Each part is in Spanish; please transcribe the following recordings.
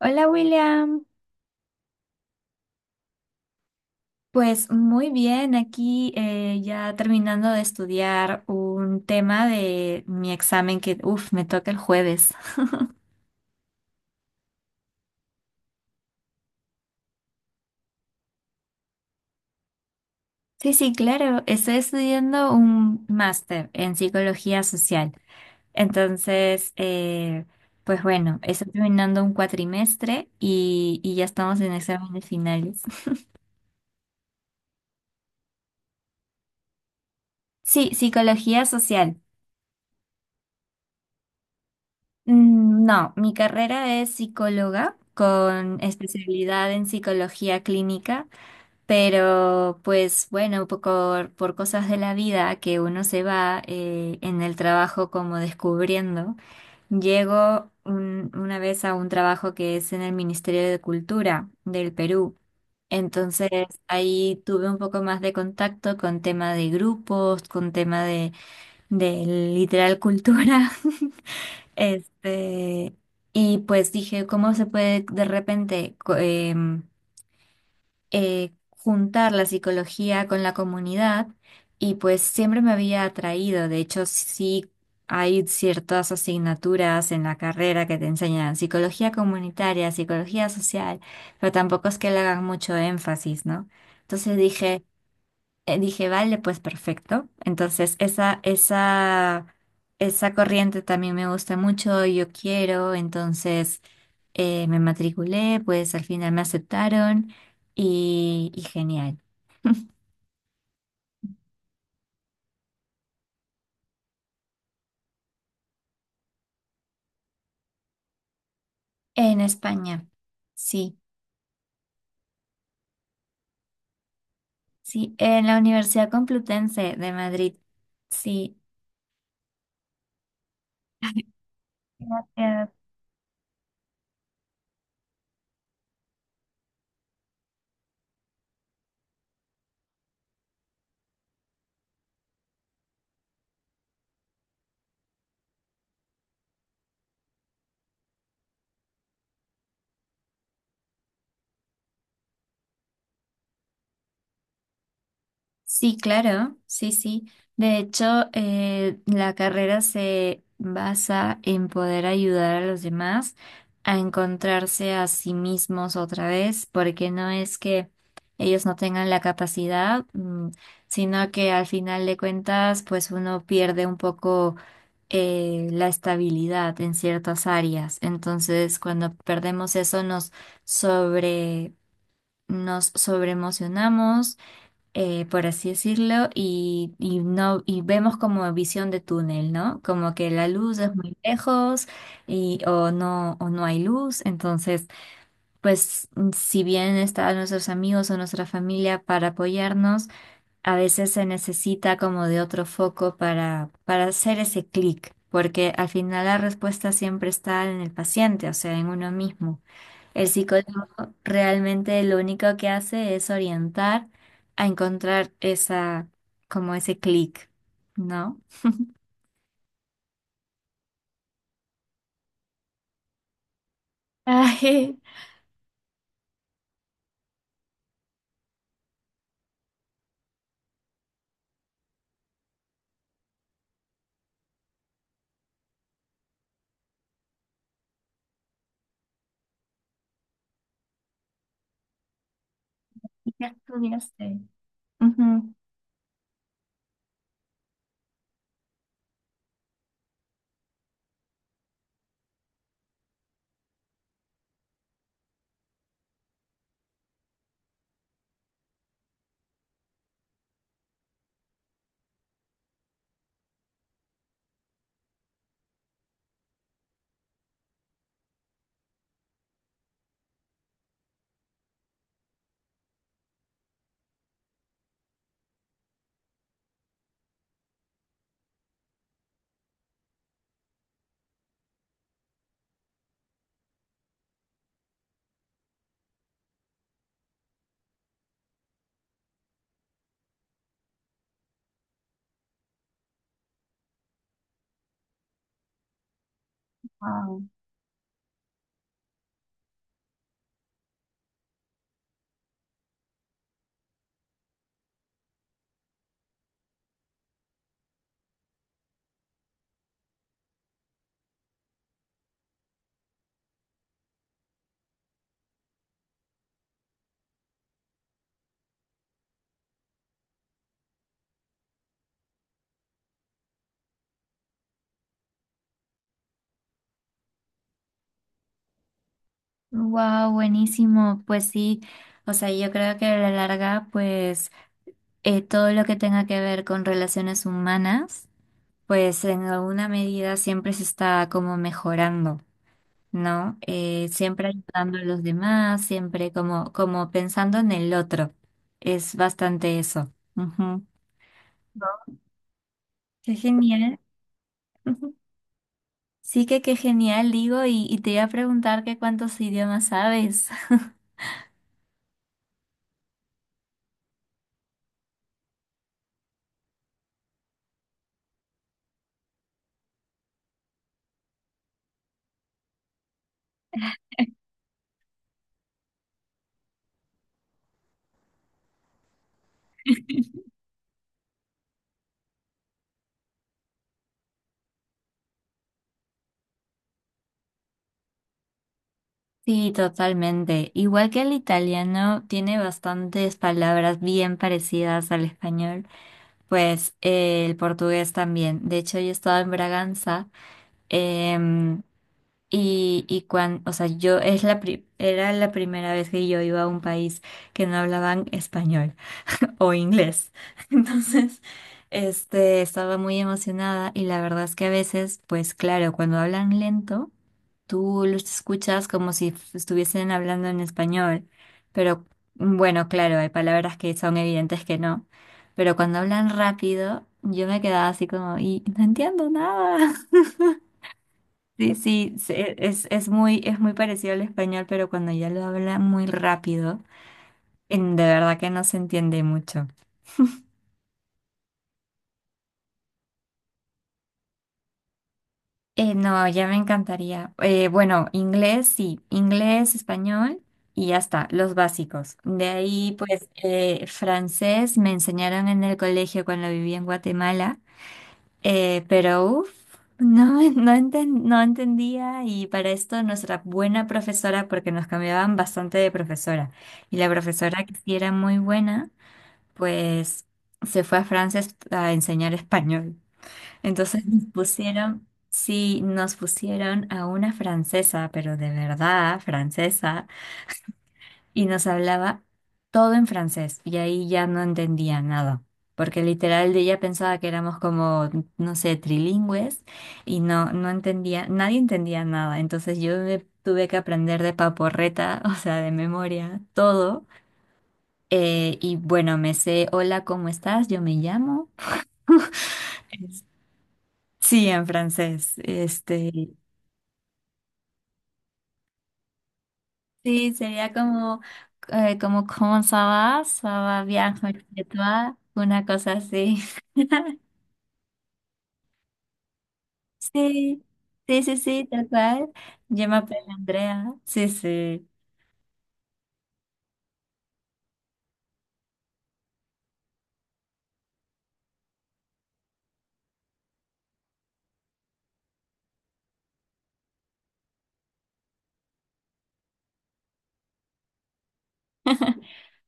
Hola William. Pues muy bien, aquí ya terminando de estudiar un tema de mi examen que me toca el jueves. Sí, sí, claro, estoy estudiando un máster en psicología social. Entonces, eh, pues bueno, estoy terminando un cuatrimestre y ya estamos en exámenes finales. Sí, psicología social. Mm, no, mi carrera es psicóloga con especialidad en psicología clínica, pero pues bueno, por cosas de la vida que uno se va en el trabajo como descubriendo, una vez a un trabajo que es en el Ministerio de Cultura del Perú. Entonces ahí tuve un poco más de contacto con tema de grupos, con tema de literal cultura. Este, y pues dije, ¿cómo se puede de repente juntar la psicología con la comunidad? Y pues siempre me había atraído, de hecho sí hay ciertas asignaturas en la carrera que te enseñan psicología comunitaria, psicología social, pero tampoco es que le hagan mucho énfasis, ¿no? Entonces dije, dije, vale, pues perfecto. Entonces, esa corriente también me gusta mucho, yo quiero. Me matriculé, pues al final me aceptaron y genial. En España, sí, sí, en la Universidad Complutense de Madrid, sí. Gracias. Sí, claro, sí, sí. De hecho, la carrera se basa en poder ayudar a los demás a encontrarse a sí mismos otra vez, porque no es que ellos no tengan la capacidad, mm, sino que al final de cuentas, pues uno pierde un poco la estabilidad en ciertas áreas. Entonces, cuando perdemos eso, sobre, nos sobreemocionamos, por así decirlo, y no, y vemos como visión de túnel, ¿no? Como que la luz es muy lejos y, o no hay luz. Entonces, pues, mm, si bien están nuestros amigos o nuestra familia para apoyarnos, a veces se necesita como de otro foco para hacer ese clic, porque al final la respuesta siempre está en el paciente, o sea, en uno mismo. El psicólogo realmente lo único que hace es orientar a encontrar esa, como ese clic, ¿no? Ay, ¿y qué estudiaste? Ujú. Wow. Wow, buenísimo. Pues sí, o sea, yo creo que a la larga, pues todo lo que tenga que ver con relaciones humanas, pues en alguna medida siempre se está como mejorando, ¿no? Siempre ayudando a los demás, siempre como, como pensando en el otro. Es bastante eso. Ujú. Qué genial. Ujú. Sí, que qué genial, digo, y te iba a preguntar que cuántos idiomas sabes. Sí, totalmente. Igual que el italiano, tiene bastantes palabras bien parecidas al español, pues el portugués también. De hecho, yo estaba en Braganza. em, y cuando, o sea, yo era la primera vez que yo iba a un país que no hablaban español o inglés. Entonces, estaba muy emocionada y la verdad es que a veces, pues claro, cuando hablan lento, tú los escuchas como si estuviesen hablando en español. Pero, mm, bueno, claro, hay palabras que son evidentes que no. Pero cuando hablan rápido, yo me quedaba así como, y no entiendo nada. Sí, sí, es muy parecido al español, pero cuando ya lo habla muy rápido, de verdad que no se entiende mucho. No, ya me encantaría. Bueno, inglés, sí, inglés, español y ya está, los básicos. De ahí, pues, francés me enseñaron en el colegio cuando viví en Guatemala. Pero no, no, no entendía y para esto nuestra buena profesora, porque nos cambiaban bastante de profesora, y la profesora que sí era muy buena, pues se fue a Francia a enseñar español. Entonces nos pusieron, sí, nos pusieron a una francesa, pero de verdad, francesa, y nos hablaba todo en francés y ahí ya no entendía nada, porque literal ella pensaba que éramos como, no sé, trilingües, y no, no entendía, nadie entendía nada, entonces yo me tuve que aprender de paporreta, o sea, de memoria, todo. Y bueno, me sé, hola, ¿cómo estás? Yo me llamo. Es- Sí, en francés. Sí, sería como, ¿cómo ça va? Ça va bien, chez toi? Una cosa así. Sí, sí, sí, sí, tal cual. Yo me aprendí Andrea. Sí, sí.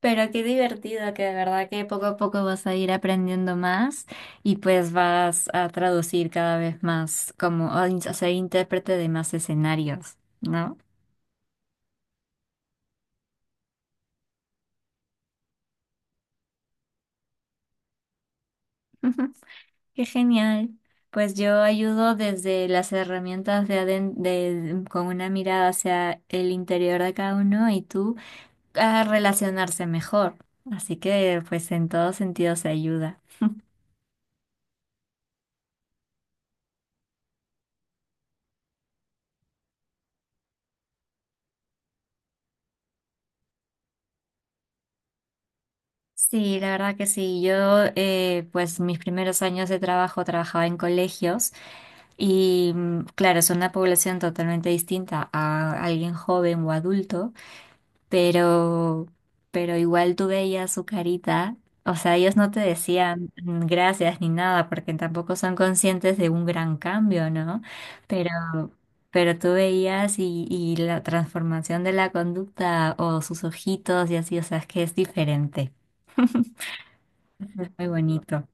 Pero qué divertido, que de verdad que poco a poco vas a ir aprendiendo más y pues vas a traducir cada vez más como, o sea, intérprete de más escenarios, ¿no? Qué genial. Pues yo ayudo desde las herramientas de con una mirada hacia el interior de cada uno y tú a relacionarse mejor. Así que pues en todo sentido se ayuda. Sí, la verdad que sí. Yo, pues mis primeros años de trabajo trabajaba en colegios y mm, claro, es una población totalmente distinta a alguien joven o adulto, pero, pero igual tú veías su carita. O sea, ellos no te decían mm, gracias ni nada porque tampoco son conscientes de un gran cambio, ¿no? Pero, pero tú veías y la transformación de la conducta o sus ojitos y así, o sea, es que es diferente. Muy bonito.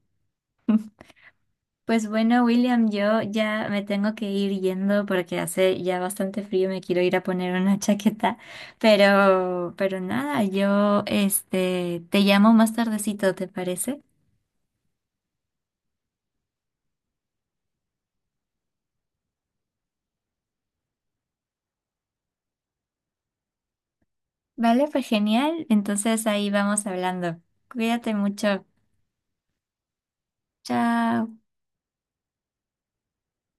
Pues bueno, William, yo ya me tengo que ir yendo porque hace ya bastante frío, me quiero ir a poner una chaqueta, pero nada, yo te llamo más tardecito, ¿te parece? Vale, pues genial. Entonces ahí vamos hablando. Cuídate mucho. Chao.